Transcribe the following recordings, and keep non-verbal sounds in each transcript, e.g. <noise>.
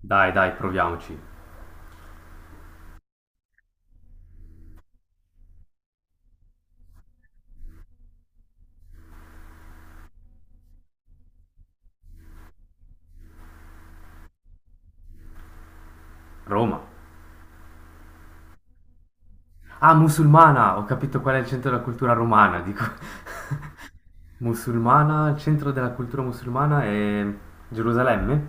Dai, dai, proviamoci. Roma. Ah, musulmana! Ho capito qual è il centro della cultura romana, dico. <laughs> musulmana, il centro della cultura musulmana è Gerusalemme?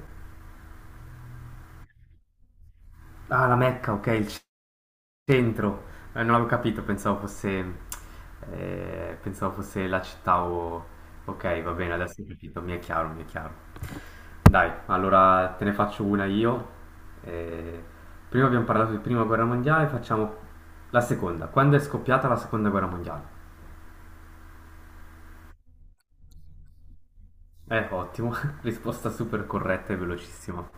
Ah, la Mecca, ok, il centro, non avevo capito, pensavo fosse la città o. Ok, va bene, adesso ho capito, mi è chiaro, mi è chiaro. Dai, allora te ne faccio una io. Eh, Prima abbiamo parlato di Prima Guerra Mondiale, facciamo la seconda. Quando è scoppiata la Seconda Guerra Mondiale? Ottimo, <laughs> risposta super corretta e velocissima.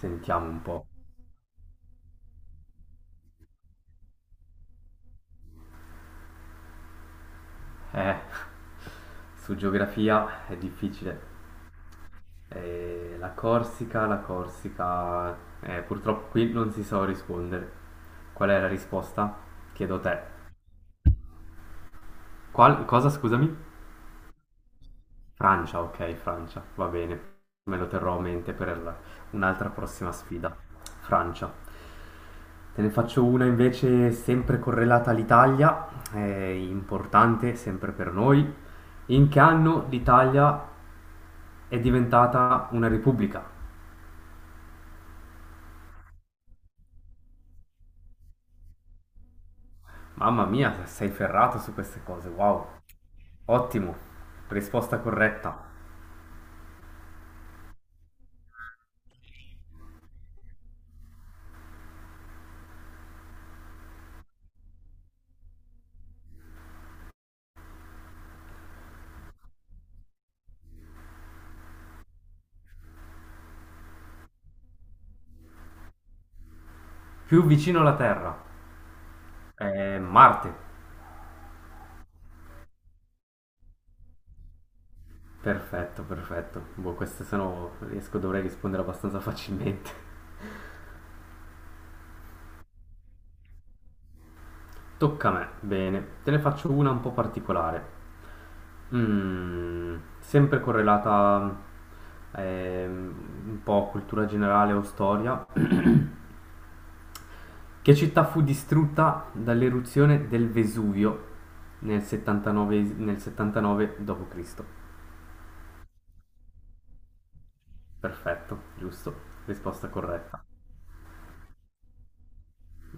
Sentiamo un po'. Eh, <laughs> su geografia è difficile. La Corsica, purtroppo qui non si so rispondere. Qual è la risposta? Chiedo te. Cosa, scusami? Francia, ok, Francia, va bene. Me lo terrò a mente per un'altra prossima sfida. Francia. Te ne faccio una invece sempre correlata all'Italia, è importante sempre per noi. In che anno l'Italia è diventata una repubblica? Mamma mia, sei ferrato su queste cose, wow. Ottimo, risposta corretta. Più vicino alla Terra. Marte. Perfetto, perfetto. Boh, queste se no riesco, dovrei rispondere abbastanza facilmente. Tocca a me, bene, te ne faccio una un po' particolare, sempre correlata ehm, un po' a cultura generale o storia. <clears throat> Che città fu distrutta dall'eruzione del Vesuvio nel 79 d.C.? Perfetto, giusto, risposta corretta.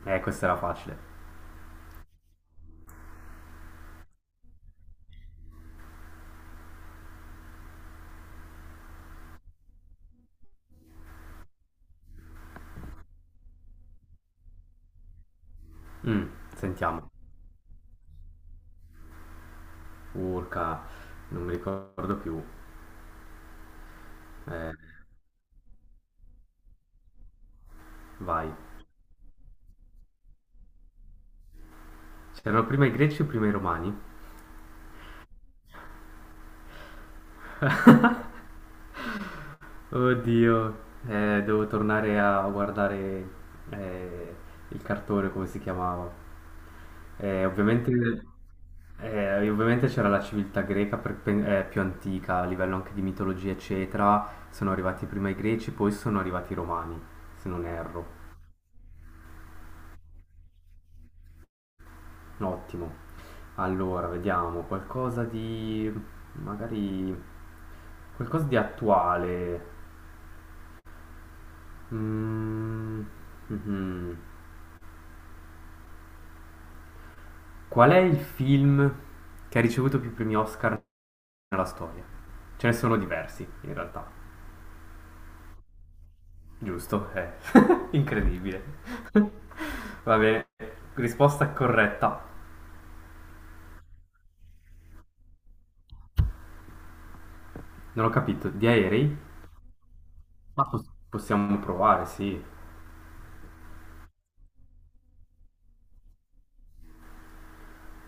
Questa era facile. Mm, Sentiamo. Urca, non mi ricordo più. Eh, Vai. C'erano prima i greci o prima i romani? Oddio, devo tornare a guardare eh, il cartone, come si chiamava. Eh, ovviamente, ovviamente c'era la civiltà greca più antica, a livello anche di mitologia, eccetera. Sono arrivati prima i greci, poi sono arrivati i romani, se non erro. Ottimo. Allora, vediamo, magari, qualcosa di attuale. Mhmm, mhm. Qual è il film che ha ricevuto più premi Oscar nella storia? Ce ne sono diversi, in realtà. Giusto? <laughs> Incredibile. <laughs> Va bene, risposta corretta. Non ho capito, di aerei? Ma possiamo provare, sì.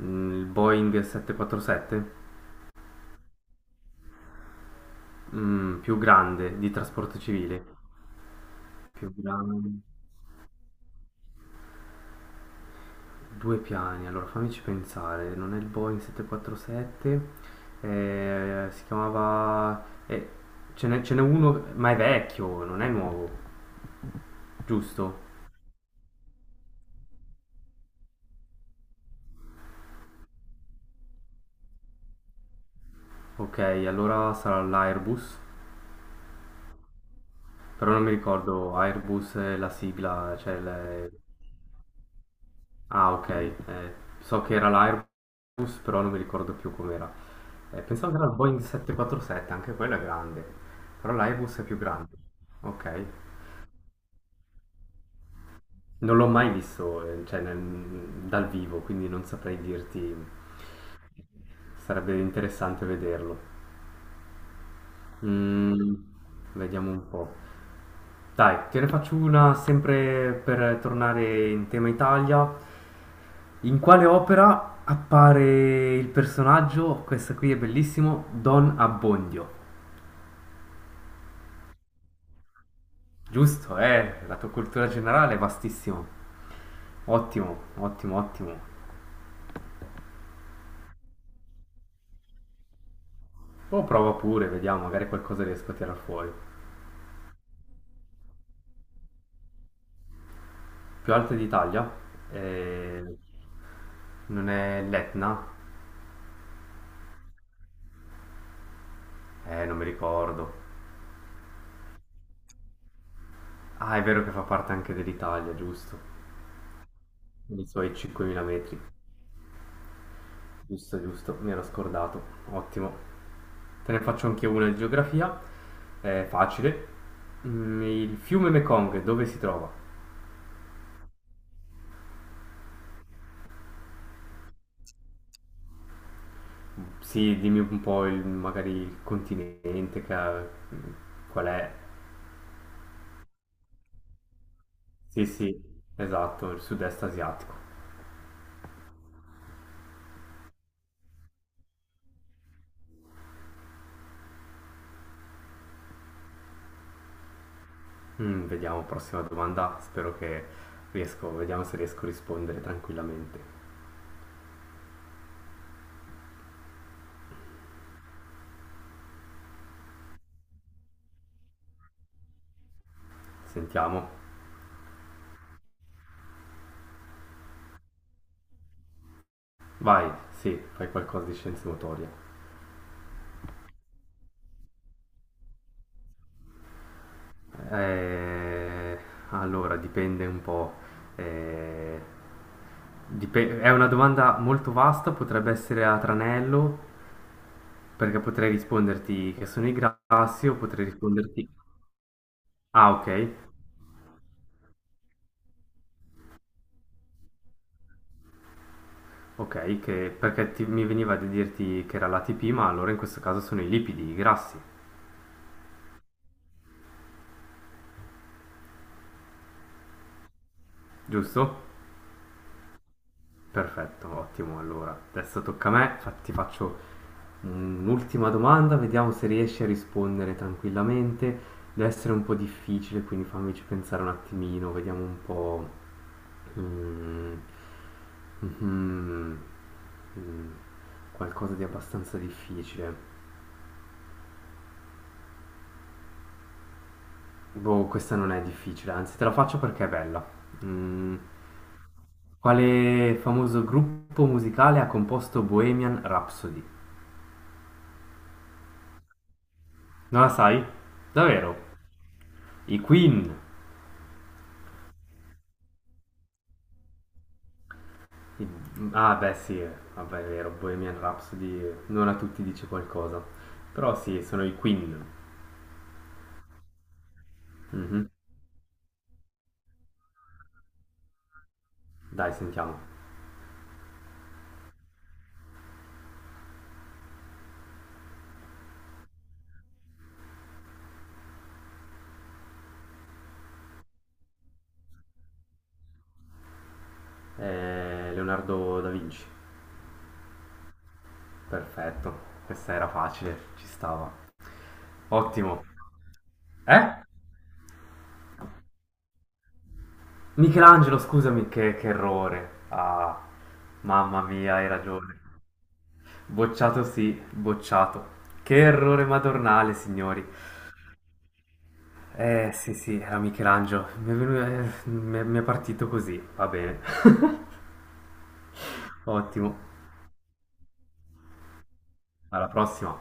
Il Boeing 747? Più grande, di trasporto civile. Più grande. Due piani, allora fammici pensare, non è il Boeing 747, eh, si chiamava... eh, ce n'è uno, ma è vecchio, non è nuovo, giusto? Ok, allora sarà l'Airbus, però non mi ricordo, Airbus è la sigla, cioè. Ah, ok, so che era l'Airbus, però non mi ricordo più com'era. Pensavo che era il Boeing 747, anche quello è grande, però l'Airbus è più grande. Ok. Non l'ho mai visto, cioè, dal vivo, quindi non saprei dirti, sarebbe interessante vederlo. Mm, Vediamo un po'. Dai, te ne faccio una sempre per tornare in tema Italia. In quale opera appare il personaggio, questo qui è bellissimo, Don Abbondio? Giusto, eh? La tua cultura generale è vastissima. Ottimo, ottimo, ottimo. O prova pure, vediamo, magari qualcosa riesco a tirar fuori. Più alta d'Italia, eh, non è l'Etna? Non mi ricordo. Ah, è vero che fa parte anche dell'Italia, giusto? I suoi 5.000 metri, giusto, giusto, mi ero scordato. Ottimo. Te ne faccio anche una di geografia, è facile. Il fiume Mekong dove si trova? Sì, dimmi un po' il, magari il continente, che, qual è? Sì, sì, esatto, il sud-est asiatico. Vediamo, prossima domanda. Spero che riesco, vediamo se riesco a rispondere tranquillamente. Sentiamo. Vai, sì, fai qualcosa di scienze motorie. Eh, allora, dipende un po'. eh, è una domanda molto vasta, potrebbe essere a tranello, perché potrei risponderti che sono i grassi o potrei risponderti. Ah, ok, ok, perché mi veniva da dirti che era l'ATP, ma allora in questo caso sono i lipidi, i grassi, giusto? Perfetto, ottimo. Allora, adesso tocca a me, ti faccio un'ultima domanda, vediamo se riesci a rispondere tranquillamente. Deve essere un po' difficile, quindi fammici pensare un attimino, vediamo un po'. Mm, mhm, mm, qualcosa di abbastanza difficile. Boh, questa non è difficile, anzi te la faccio perché è bella. Mm, quale famoso gruppo musicale ha composto Bohemian Rhapsody? Non la sai? Davvero? I Queen. I- Ah, beh, sì, vabbè, è vero, Bohemian Rhapsody non a tutti dice qualcosa. Però sì, sono i Queen. Mhm. Dai, sentiamo. Leonardo da Vinci. Perfetto. Questa era facile, ci stava. Ottimo. Eh? Michelangelo, scusami, che errore. Ah, mamma mia, hai ragione. Bocciato sì, bocciato. Che errore madornale, signori. Eh sì sì, era Michelangelo. Mi è, venu- mi è partito così, va bene. <laughs> Ottimo. Alla prossima.